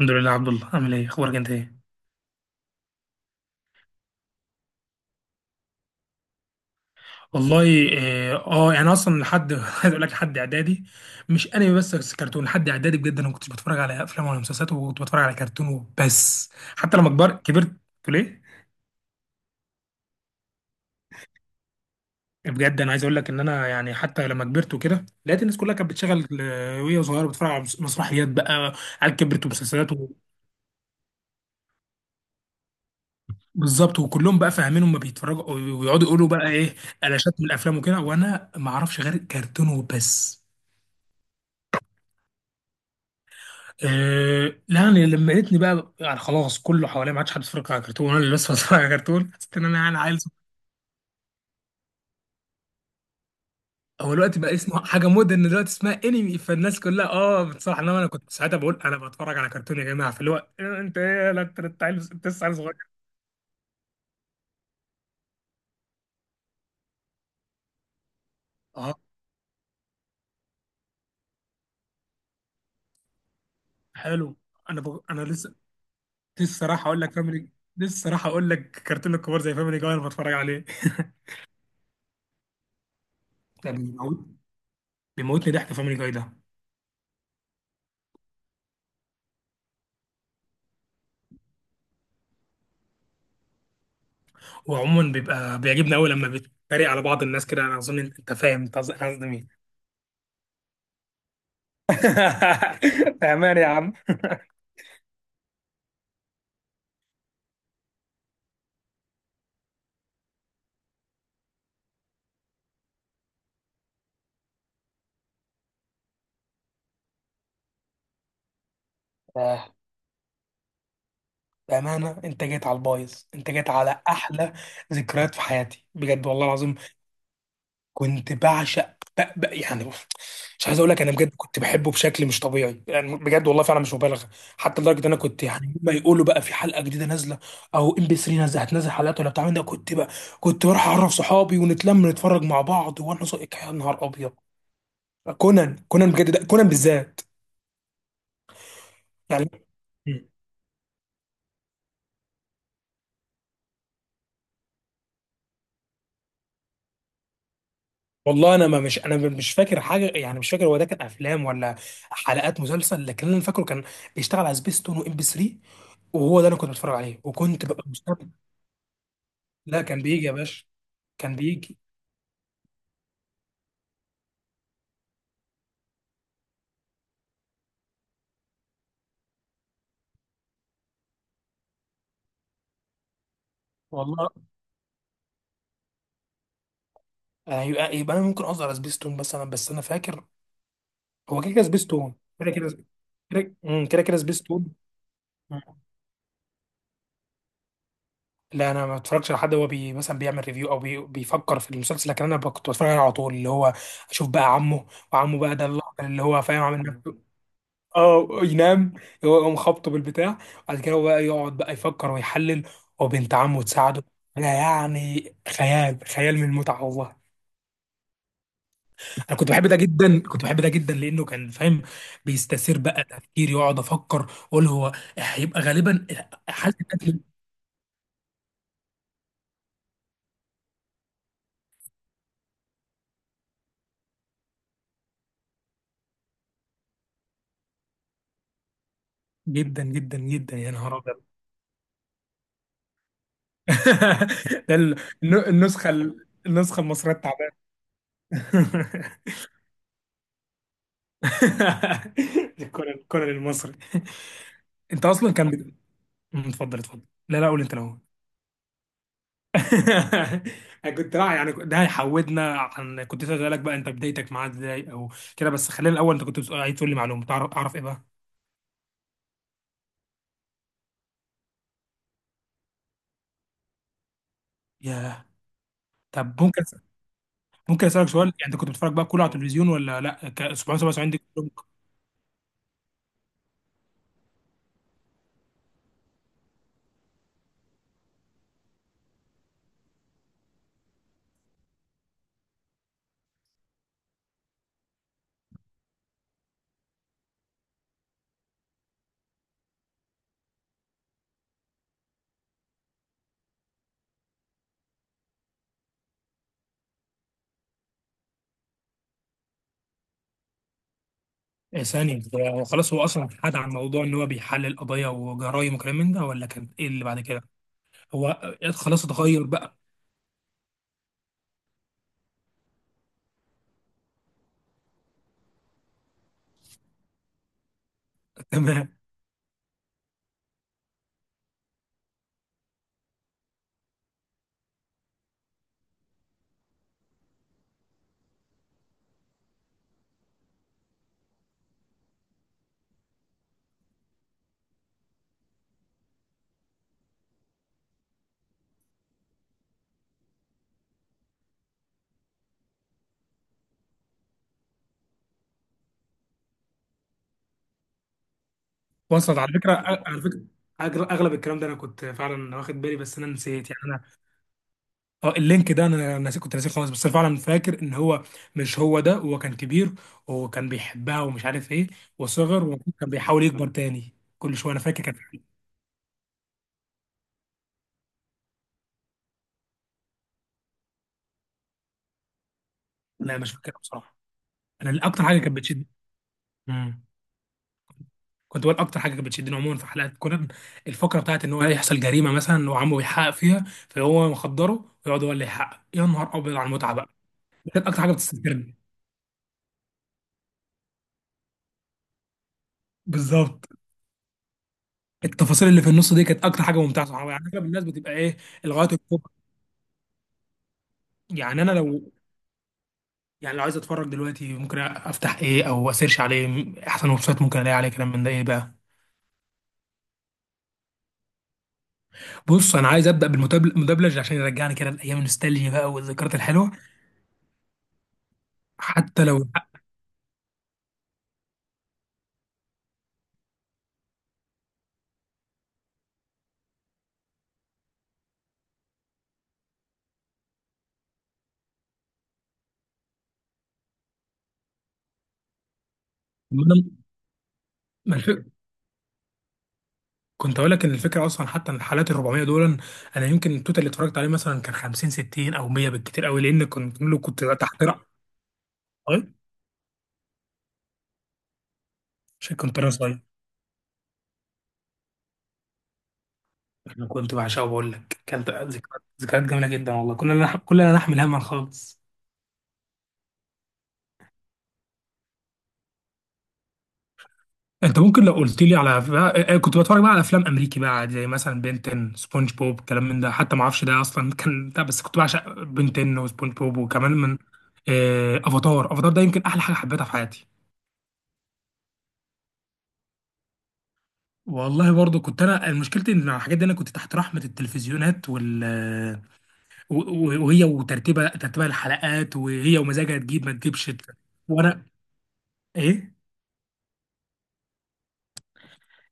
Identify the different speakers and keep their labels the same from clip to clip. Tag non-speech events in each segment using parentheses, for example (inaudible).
Speaker 1: الحمد لله عبد الله، عامل ايه؟ اخبارك؟ انت ايه؟ والله يعني اصلا لحد (laughs) عايز اقول لك لحد اعدادي، مش انمي، بس كرتون لحد اعدادي. بجد انا ما كنتش بتفرج على افلام ولا مسلسلات، وكنت بتفرج على كرتون وبس. حتى لما كبرت تقول ايه؟ بجد انا عايز اقول لك ان انا، يعني حتى لما كبرت وكده، لقيت الناس كلها كانت بتشغل وهي صغيره بتتفرج على مسرحيات بقى، على كبرت ومسلسلات بالظبط. وكلهم بقى فاهمين، هم بيتفرجوا ويقعدوا يقولوا بقى ايه، قلاشات من الافلام وكده، وانا ما اعرفش غير كرتون وبس. أه لا، يعني لما لقيتني بقى، يعني خلاص كله حواليا ما عادش حد بيتفرج على كرتون، وانا اللي بس بتفرج على كرتون، حسيت ان انا يعني عيل صغير. هو الوقت بقى اسمه حاجه مودرن دلوقتي، اسمها انمي، فالناس كلها اه بتصراحه، انما انا كنت ساعتها بقول انا بتفرج على كرتون يا جماعه، في الوقت انت ايه لا انت، أنت عيل، أنت لسه عيل صغير. اه حلو. انا لسه، لسه راح اقول لك فاميلي، لسه راح اقول لك كرتون الكبار زي فاميلي جاي، انا بتفرج عليه. (laughs) ده بيموت، بيموتني ضحك فاميلي جاي ده. هو عموما بيبقى بيعجبني قوي لما بيتريق على بعض الناس كده. انا اظن انت فاهم انت أنا قصدي مين. (laughs) بأمانة يا عم. آه، بأمانة، أنت جيت على البايظ، أنت جيت على أحلى ذكريات في حياتي بجد والله العظيم. كنت بعشق يعني بص، مش عايز أقول لك، أنا بجد كنت بحبه بشكل مش طبيعي، يعني بجد والله فعلا مش مبالغة. حتى لدرجة إن أنا كنت يعني ما يقولوا بقى في حلقة جديدة نازلة أو إم بي 3 نازلة، هتنزل حلقات ولا بتاع من ده، كنت بقى كنت بروح أعرف صحابي ونتلم نتفرج مع بعض، يا نهار أبيض. كونان، كونان بجد، ده كونان بالذات. يعني مم. والله انا ما مش انا مش فاكر حاجه، يعني مش فاكر هو ده كان افلام ولا حلقات مسلسل، لكن اللي انا فاكره كان بيشتغل على سبيس تون وام بي 3، وهو ده انا كنت بتفرج عليه، وكنت ببقى مستمتع. لا كان بيجي يا باشا، كان بيجي. والله يعني يبقى انا ممكن اقصد على سبيس تون مثلا، بس انا فاكر هو كده كده سبيس تون، كده كده كده مم، كده كده سبيس تون. لا انا ما بتفرجش على حد هو بي مثلا بيعمل ريفيو، او بي بيفكر في المسلسل، لكن انا كنت بتفرج عليه على طول، اللي هو اشوف بقى عمه، وعمه بقى ده اللي هو فاهم عامل نفسه (laughs) اه ينام. هو يقوم خبطه بالبتاع، بعد كده هو بقى يقعد بقى يفكر ويحلل، وبنت عمه تساعده. انا يعني خيال، خيال من المتعه والله. انا كنت بحب ده جدا، كنت بحب ده جدا لانه كان فاهم، بيستثير بقى تفكير، يقعد افكر اقول هو هيبقى غالبا حاله القتل. جدا جدا جدا يا نهار ابيض. (laughs) ده ال- النسخة النسخة المصرية التعبانة. (laughs) الكونان، الكونان المصري. انت اصلا كان بت... مم، اتفضل اتفضل. لا لا قول انت الاول. (laughs) أنا كنت، لا يعني ده هيحودنا عن، كنت اسالك بقى انت بدايتك معاه ازاي او كده، بس خلينا الاول، انت كنت عايز تقول لي معلومه تعرف، اعرف ايه بقى. ياه. طب ممكن ممكن اسالك سؤال، يعني انت كنت بتتفرج بقى كله على التلفزيون ولا لا، 777 دي؟ إيه ثانية، هو خلاص هو أصلا حاد عن موضوع إن هو بيحلل قضايا وجرايم وكلام من ده، ولا كان إيه اللي بعد كده؟ هو خلاص اتغير بقى. (laughs) تمام. وصلت على فكرة، على فكرة. أغلب الكلام ده أنا كنت فعلا واخد بالي، بس أنا نسيت يعني، أنا أه اللينك ده أنا ناسي، كنت ناسيه خالص، بس أنا فعلا فاكر إن هو، مش هو ده، هو كان كبير، وكان بيحبها ومش عارف إيه، وصغر وكان بيحاول يكبر تاني كل شوية، أنا فاكر كان. لا مش فاكر بصراحة. أنا أكتر حاجة كانت بتشد. مم. كنت بقول اكتر حاجه كانت بتشدني عموما في حلقات كونان، الفقره بتاعت ان هو يحصل جريمه مثلا، وعمه بيحقق فيها، فهو مخدره ويقعد هو اللي يحقق. يا نهار ابيض على المتعه بقى. دي كانت اكتر حاجه بتستسرني. بالظبط، التفاصيل اللي في النص دي كانت اكتر حاجه ممتعه صراحه، يعني اغلب الناس بتبقى ايه، الغايات الكبرى. يعني انا لو، يعني لو عايز اتفرج دلوقتي، ممكن افتح ايه او اسيرش عليه، احسن ويب سايت ممكن الاقي عليه كلام من ده ايه بقى؟ بص انا عايز ابدا بالمدبلج عشان يرجعني كده لايام النوستالجيا بقى، والذكريات الحلوه، حتى لو. ما أنا- كنت اقول لك ان الفكره اصلا، حتى ان الحالات ال 400 دول، انا يمكن التوتال اللي اتفرجت عليه مثلا كان 50 60 او 100 بالكتير قوي، لان كنت كله كنت تحت رأي. عشان كنت انا صغير. انا كنت بعشقه، بقول لك كانت ذكريات، ذكريات جميله جدا والله. كنا لا كلنا نحمل هما خالص. انت ممكن لو قلت لي على بقى، كنت بتفرج بقى على افلام امريكي بقى عادي، زي مثلا بنتن، سبونج بوب، كلام من ده، حتى ما اعرفش ده اصلا كان ده، بس كنت بعشق بنتن وسبونج بوب، وكمان من افاتار. افاتار ده يمكن احلى حاجه حبيتها في حياتي. والله برضه كنت انا مشكلتي ان الحاجات دي انا كنت تحت رحمه التلفزيونات وال، و وهي وترتيبها، ترتيبها الحلقات، وهي ومزاجها تجيب ما تجيبش. وانا ايه؟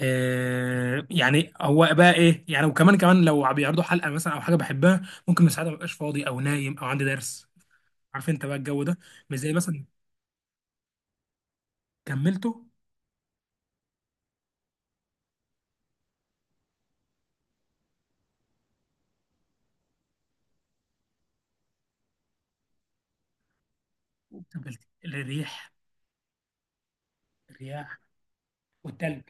Speaker 1: آه يعني هو بقى ايه يعني، وكمان كمان لو بيعرضوا حلقه مثلا او حاجه بحبها، ممكن من ساعتها مبقاش فاضي، او نايم، او عندي درس. عارف انت بقى الجو ده. مش زي مثلا. كملته. وكملت الريح، الرياح والتلج،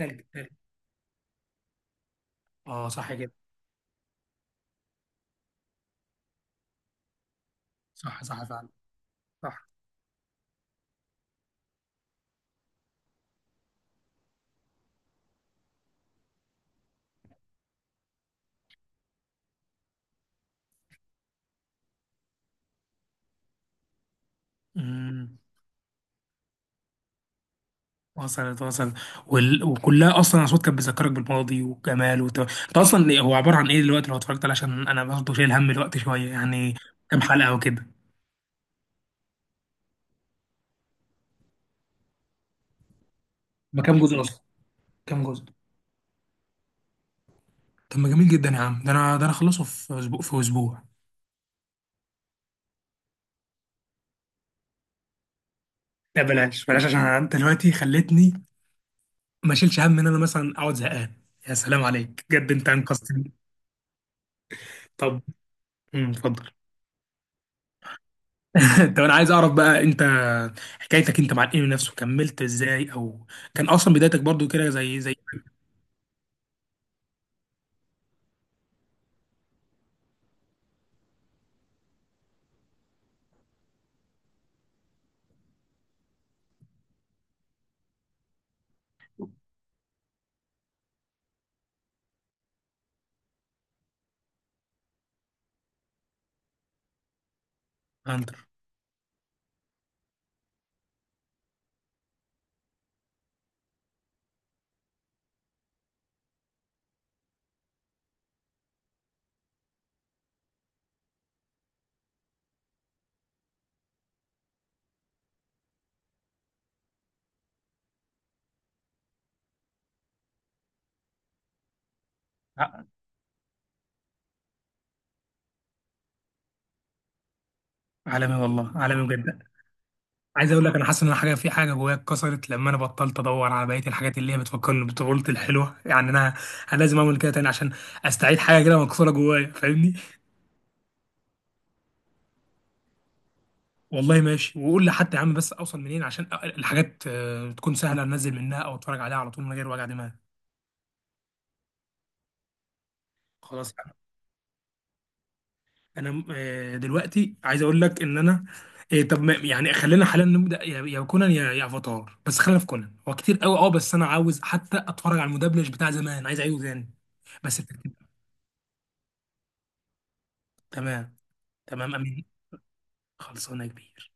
Speaker 1: التلج، التلج، اه صح كده. صح صح فعلا. صح. امم. وصلت، وصلت. وكلها اصلا اصوات كانت بتذكرك بالماضي وجمال انت اصلا هو عباره عن ايه دلوقتي لو اتفرجت عليه؟ عشان انا برضه شايل هم الوقت شويه يعني، كام حلقه وكده؟ ما كام جزء اصلا؟ كام جزء؟ طب ما جميل جدا يا عم، ده انا، ده انا اخلصه في اسبوع، في اسبوع. لا بلاش، بلاش عشان انت دلوقتي خلتني ما اشيلش هم ان انا مثلا اقعد زهقان. يا سلام عليك بجد، انت انقذتني. طب. أمم، اتفضل. (laughs) طب انا عايز اعرف بقى انت، حكايتك انت مع الانمي نفسه كملت ازاي، او كان اصلا بدايتك برضو كده زي، زي. ع- عالمي والله، عالمي بجد. عايز اقول لك انا حاسس ان أنا حاجه، في حاجه جوايا اتكسرت لما انا بطلت ادور على بقيه الحاجات اللي هي بتفكرني بطفولتي الحلوه. يعني انا، انا لازم اعمل كده تاني عشان استعيد حاجه كده مكسوره جوايا، فاهمني. والله ماشي، وقول لي حتى يا عم، بس اوصل منين عشان الحاجات تكون سهله انزل منها او اتفرج عليها على طول من غير وجع دماغ. خلاص. انا دلوقتي عايز اقول لك ان انا، طب يعني خلينا حاليا نبدا يا يا كونان يا يا افاتار، بس خلينا في كونان. هو كتير قوي اه، بس انا عاوز حتى اتفرج على المدبلج بتاع زمان، عايز اعيده تاني. بس الترتيب. تمام. تمام. امين. خلصانه يا كبير.